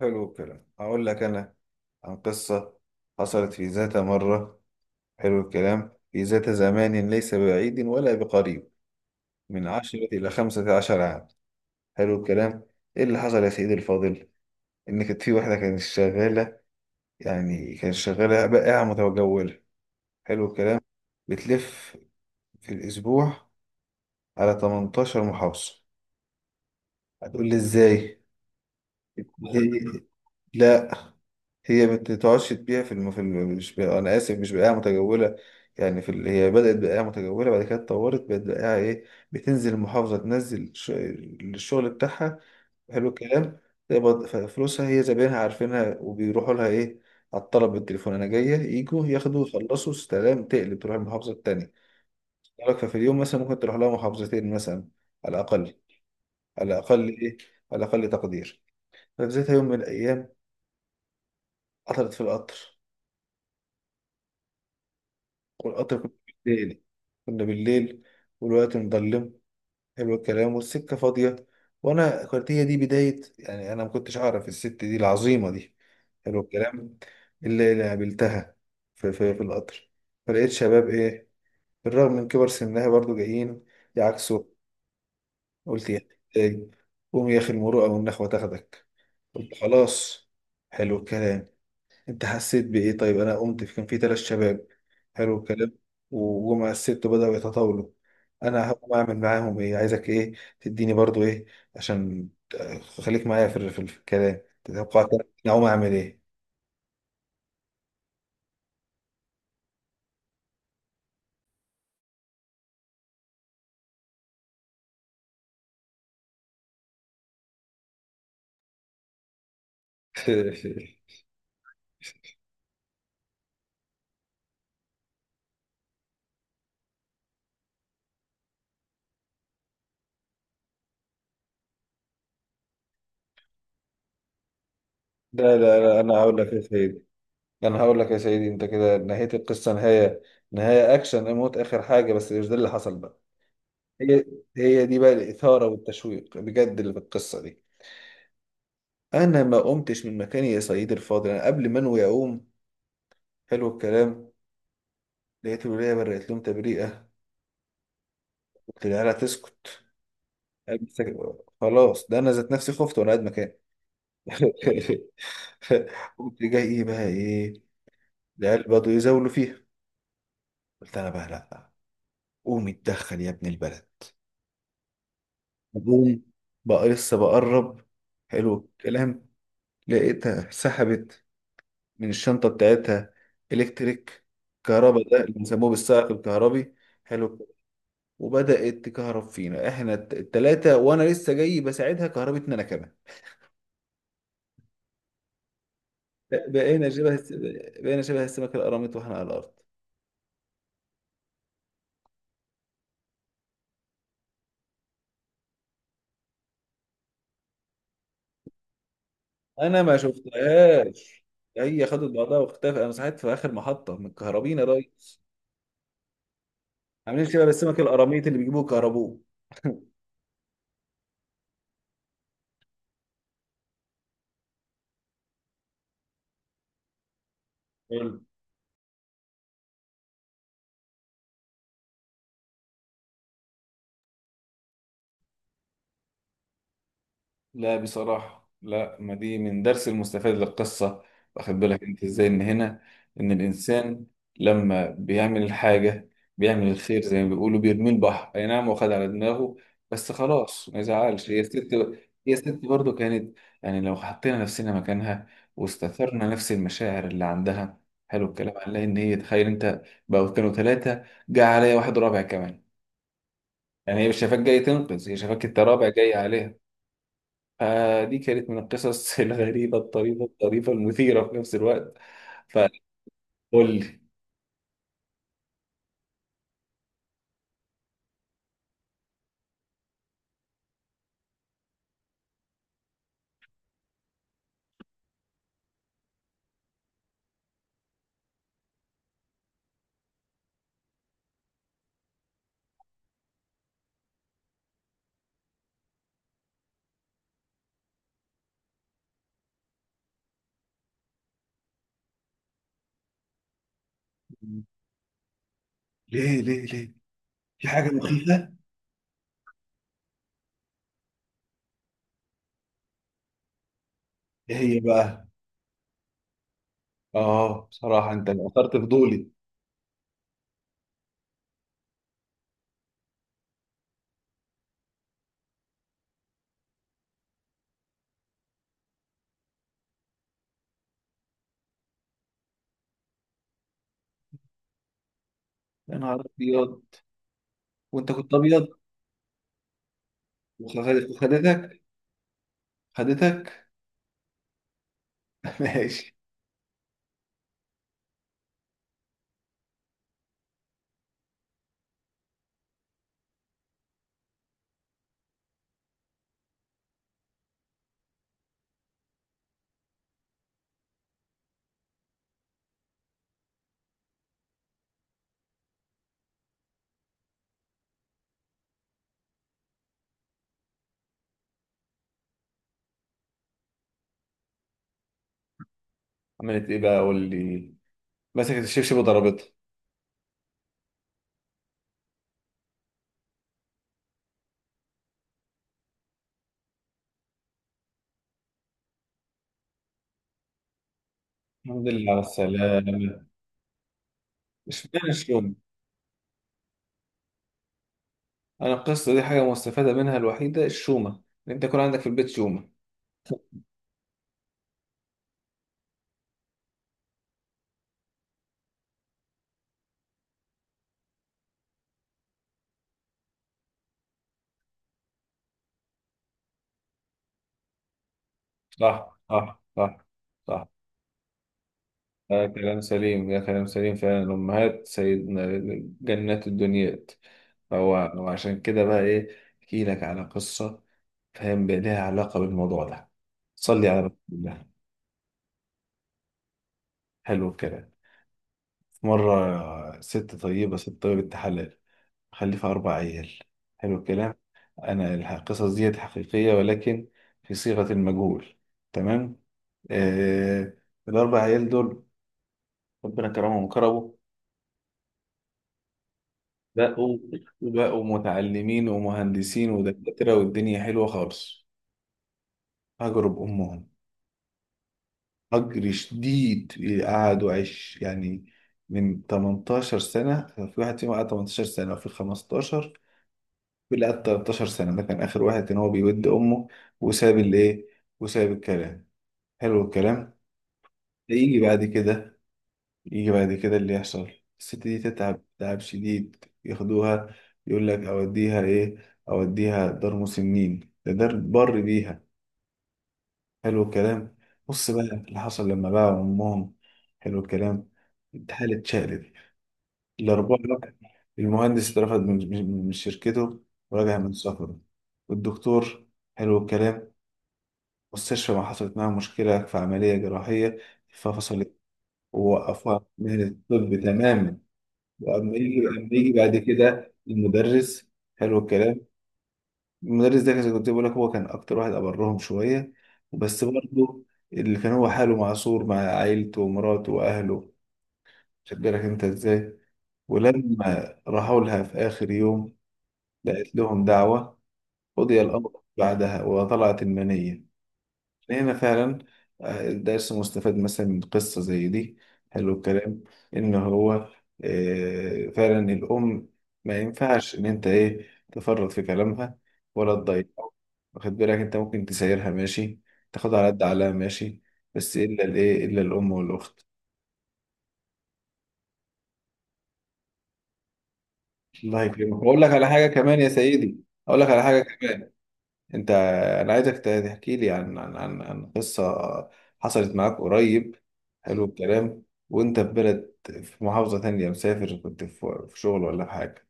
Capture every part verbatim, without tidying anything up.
حلو الكلام، هقول لك أنا عن قصة حصلت في ذات مرة. حلو الكلام، في ذات زمان ليس بعيد ولا بقريب، من عشرة إلى خمسة عشر عام. حلو الكلام، إيه اللي حصل يا سيدي الفاضل؟ إن كانت في واحدة كانت شغالة، يعني كانت شغالة بائعة متجولة. حلو الكلام، بتلف في الأسبوع على 18 محافظة. هتقول لي إزاي؟ هي، لا، هي ما بتقعدش تبيع في الم... في الم... مش ب... انا اسف، مش بقاعة متجولة، يعني في ال... هي بدأت بقاعة متجولة، بعد كده اتطورت بقت بقاعة ايه، بتنزل المحافظة تنزل ش... الشغل بتاعها. حلو الكلام، تقبض ف- فلوسها، هي زباينها عارفينها وبيروحوا لها ايه، على الطلب بالتليفون، انا جاية يجوا ياخدوا يخلصوا سلام، تقلب تروح المحافظة التانية. لك ففي اليوم مثلا ممكن تروح لها محافظتين مثلا، على الأقل. على الأقل ايه؟ على الأقل تقدير. ففي ذات يوم من الأيام قطرت في القطر، والقطر كنا بالليل كنا بالليل والوقت مظلم. حلو الكلام، والسكة فاضية، وأنا كانت هي دي بداية، يعني أنا ما كنتش أعرف الست دي العظيمة دي. حلو الكلام، اللي اللي قابلتها في, في, في القطر. فلقيت شباب إيه، بالرغم من كبر سنها برضو جايين يعكسوا. قلت يا إيه، قوم يا أخي، المروءة والنخوة تاخدك. قلت خلاص. حلو الكلام، انت حسيت بايه؟ طيب انا قمت، في كان في ثلاث شباب. حلو الكلام، وجم الست بدأوا يتطاولوا. انا هقوم اعمل معاهم ايه؟ عايزك ايه؟ تديني برضو ايه؟ عشان ت- خليك معايا في ال- في الكلام، تتوقع كده انا هقوم اعمل ايه؟ لا لا لا، انا هقول لك يا سيدي انا هقول لك يا سيدي انت كده نهاية القصة، نهاية، نهاية اكشن، اموت اخر حاجة، بس مش ده اللي حصل بقى. هي هي دي بقى الإثارة والتشويق بجد اللي في القصة دي. انا ما قمتش من مكاني يا سيدي الفاضل، انا قبل ما انوي اقوم، حلو الكلام، لقيت الولية برقت لهم تبريئة. قلت لها لا تسكت. قالت سك- خلاص، ده انا ذات نفسي خفت وانا قاعد مكاني. قمت جاي ايه بقى ايه، العيال بدوا يزاولوا فيها. قلت انا بقى لا، قوم اتدخل يا ابن البلد. قوم بقى لسه بقرب. حلو الكلام، لقيتها سحبت من الشنطة بتاعتها الكتريك، كهرباء، ده اللي بنسموه بالسائق الكهربي. حلو، وبدأت تكهرب فينا احنا الت- التلاتة، وانا لسه جاي بساعدها كهربتنا انا كمان. بقينا شبه الس- بقينا شبه السمك القراميط واحنا على الارض. انا ما شفتهاش، هي خدت بعضها واختفت، انا صحيت في اخر محطة من الكهربين يا ريس، عاملين شبه السمك القراميط اللي بيجيبوه كهربوه. لا بصراحة لا، ما دي من درس المستفاد للقصة. واخد بالك انت ازاي ان هنا، ان الانسان لما بيعمل الحاجة، بيعمل الخير زي ما بيقولوا بيرمي البحر، اي نعم واخد على دماغه، بس خلاص ما يزعلش. هي الست هي الست برضه كانت، يعني لو حطينا نفسنا مكانها واستثرنا نفس المشاعر اللي عندها، حلو الكلام، هنلاقي ان هي تخيل انت، بقوا كانوا ثلاثة، جه عليا واحد رابع كمان، يعني هي مش شايفاك جاي تنقذ، هي شايفاك انت رابع جاي عليها. فدي كانت من القصص الغريبة الطريفة الطريفة المثيرة في نفس الوقت. فقول لي. ليه ليه ليه؟ في حاجة مخيفة؟ ايه هي بقى؟ اه بصراحة انت اثرت فضولي. يا نهار ابيض، وانت كنت ابيض. وخد- وخدتك، خدتك. ماشي. عملت ايه بقى؟ قول لي. مسكت الشبشب وضربتها؟ الحمد لله على السلامة. اشمعنى الشومة؟ انا القصة دي حاجة مستفادة منها الوحيدة الشومة، ان انت يكون عندك في البيت شومة. صح صح صح صح، اه كلام سليم، يا كلام سليم فعلا. الأمهات سيدنا، جنات الدنيات. هو وعشان كده بقى إيه، أحكي لك على قصة، فاهم بقى لها علاقة بالموضوع ده، صلي على رسول الله. حلو الكلام، في مرة ست طيبة ست طيبة حلال، مخلفة أربع عيال. حلو الكلام، أنا الح- القصص ديت حقيقية، ولكن في صيغة المجهول. تمام، آه. الأربع عيال دول ربنا كرمهم وكرمه، بقوا بقوا متعلمين ومهندسين ودكاترة، والدنيا حلوة خالص. هجروا بأمهم هجر شديد. قعدوا عش يعني، من 18 سنة، في واحد فيهم قعد 18 سنة، وفي خمسة عشر، في اللي قعد 13 سنة. ده كان آخر واحد إن هو بيود أمه، وساب الإيه، وساب الكلام. حلو الكلام، هيجي بعد كده، يجي بعد كده اللي يحصل. الست دي تتعب تعب شديد، ياخدوها يقول لك اوديها ايه، اوديها دار مسنين، ده دار بر بيها. حلو الكلام، بص بقى اللي حصل لما باعوا امهم. حلو الكلام، الحالة اتشقلب. الأربعة بقى، المهندس اترفد من من من شركته، ورجع من سفره. والدكتور، حلو الكلام، المستشفى ما حصلت معاها مشكلة في عملية جراحية ففصلت، ووقفوها من الطب تماما. واما يجي اما يجي بعد كده المدرس، حلو الكلام، المدرس ده زي كنت بقول لك، هو كان اكتر واحد ابرهم شويه، بس برضه اللي كان هو حاله معصور مع عيلته ومراته واهله، خد بالك انت ازاي. ولما راحوا لها في اخر يوم لقيت لهم دعوه، قضي الامر بعدها وطلعت المنيه. إن هنا فعلا، آه، الدرس مستفاد مثلا من قصة زي دي، حلو الكلام، إن هو آه، فعلا الأم ما ينفعش إن أنت إيه، تفرط في كلامها ولا تضايقه. واخد بالك أنت، ممكن تسايرها ماشي، تاخدها على قد عقلها ماشي، بس إلا الإيه، إلا الأم والأخت. الله يكرمك، وأقول لك على حاجة كمان يا سيدي، أقول لك على حاجة كمان. انت، انا عايزك تحكي لي عن عن عن عن قصة حصلت معاك قريب. حلو الكلام، وانت في بلد، في محافظة تانية، مسافر كنت في في شغل ولا في حاجة.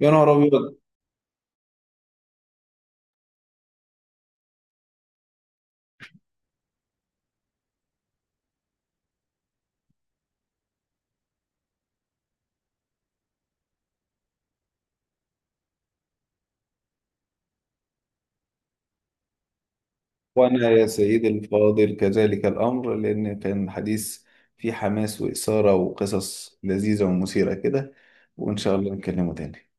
يا نهار أبيض. وأنا يا سيدي الفاضل كذلك الأمر، لأن كان حديث فيه حماس وإثارة وقصص لذيذة ومثيرة كده، وإن شاء الله نتكلموا تاني.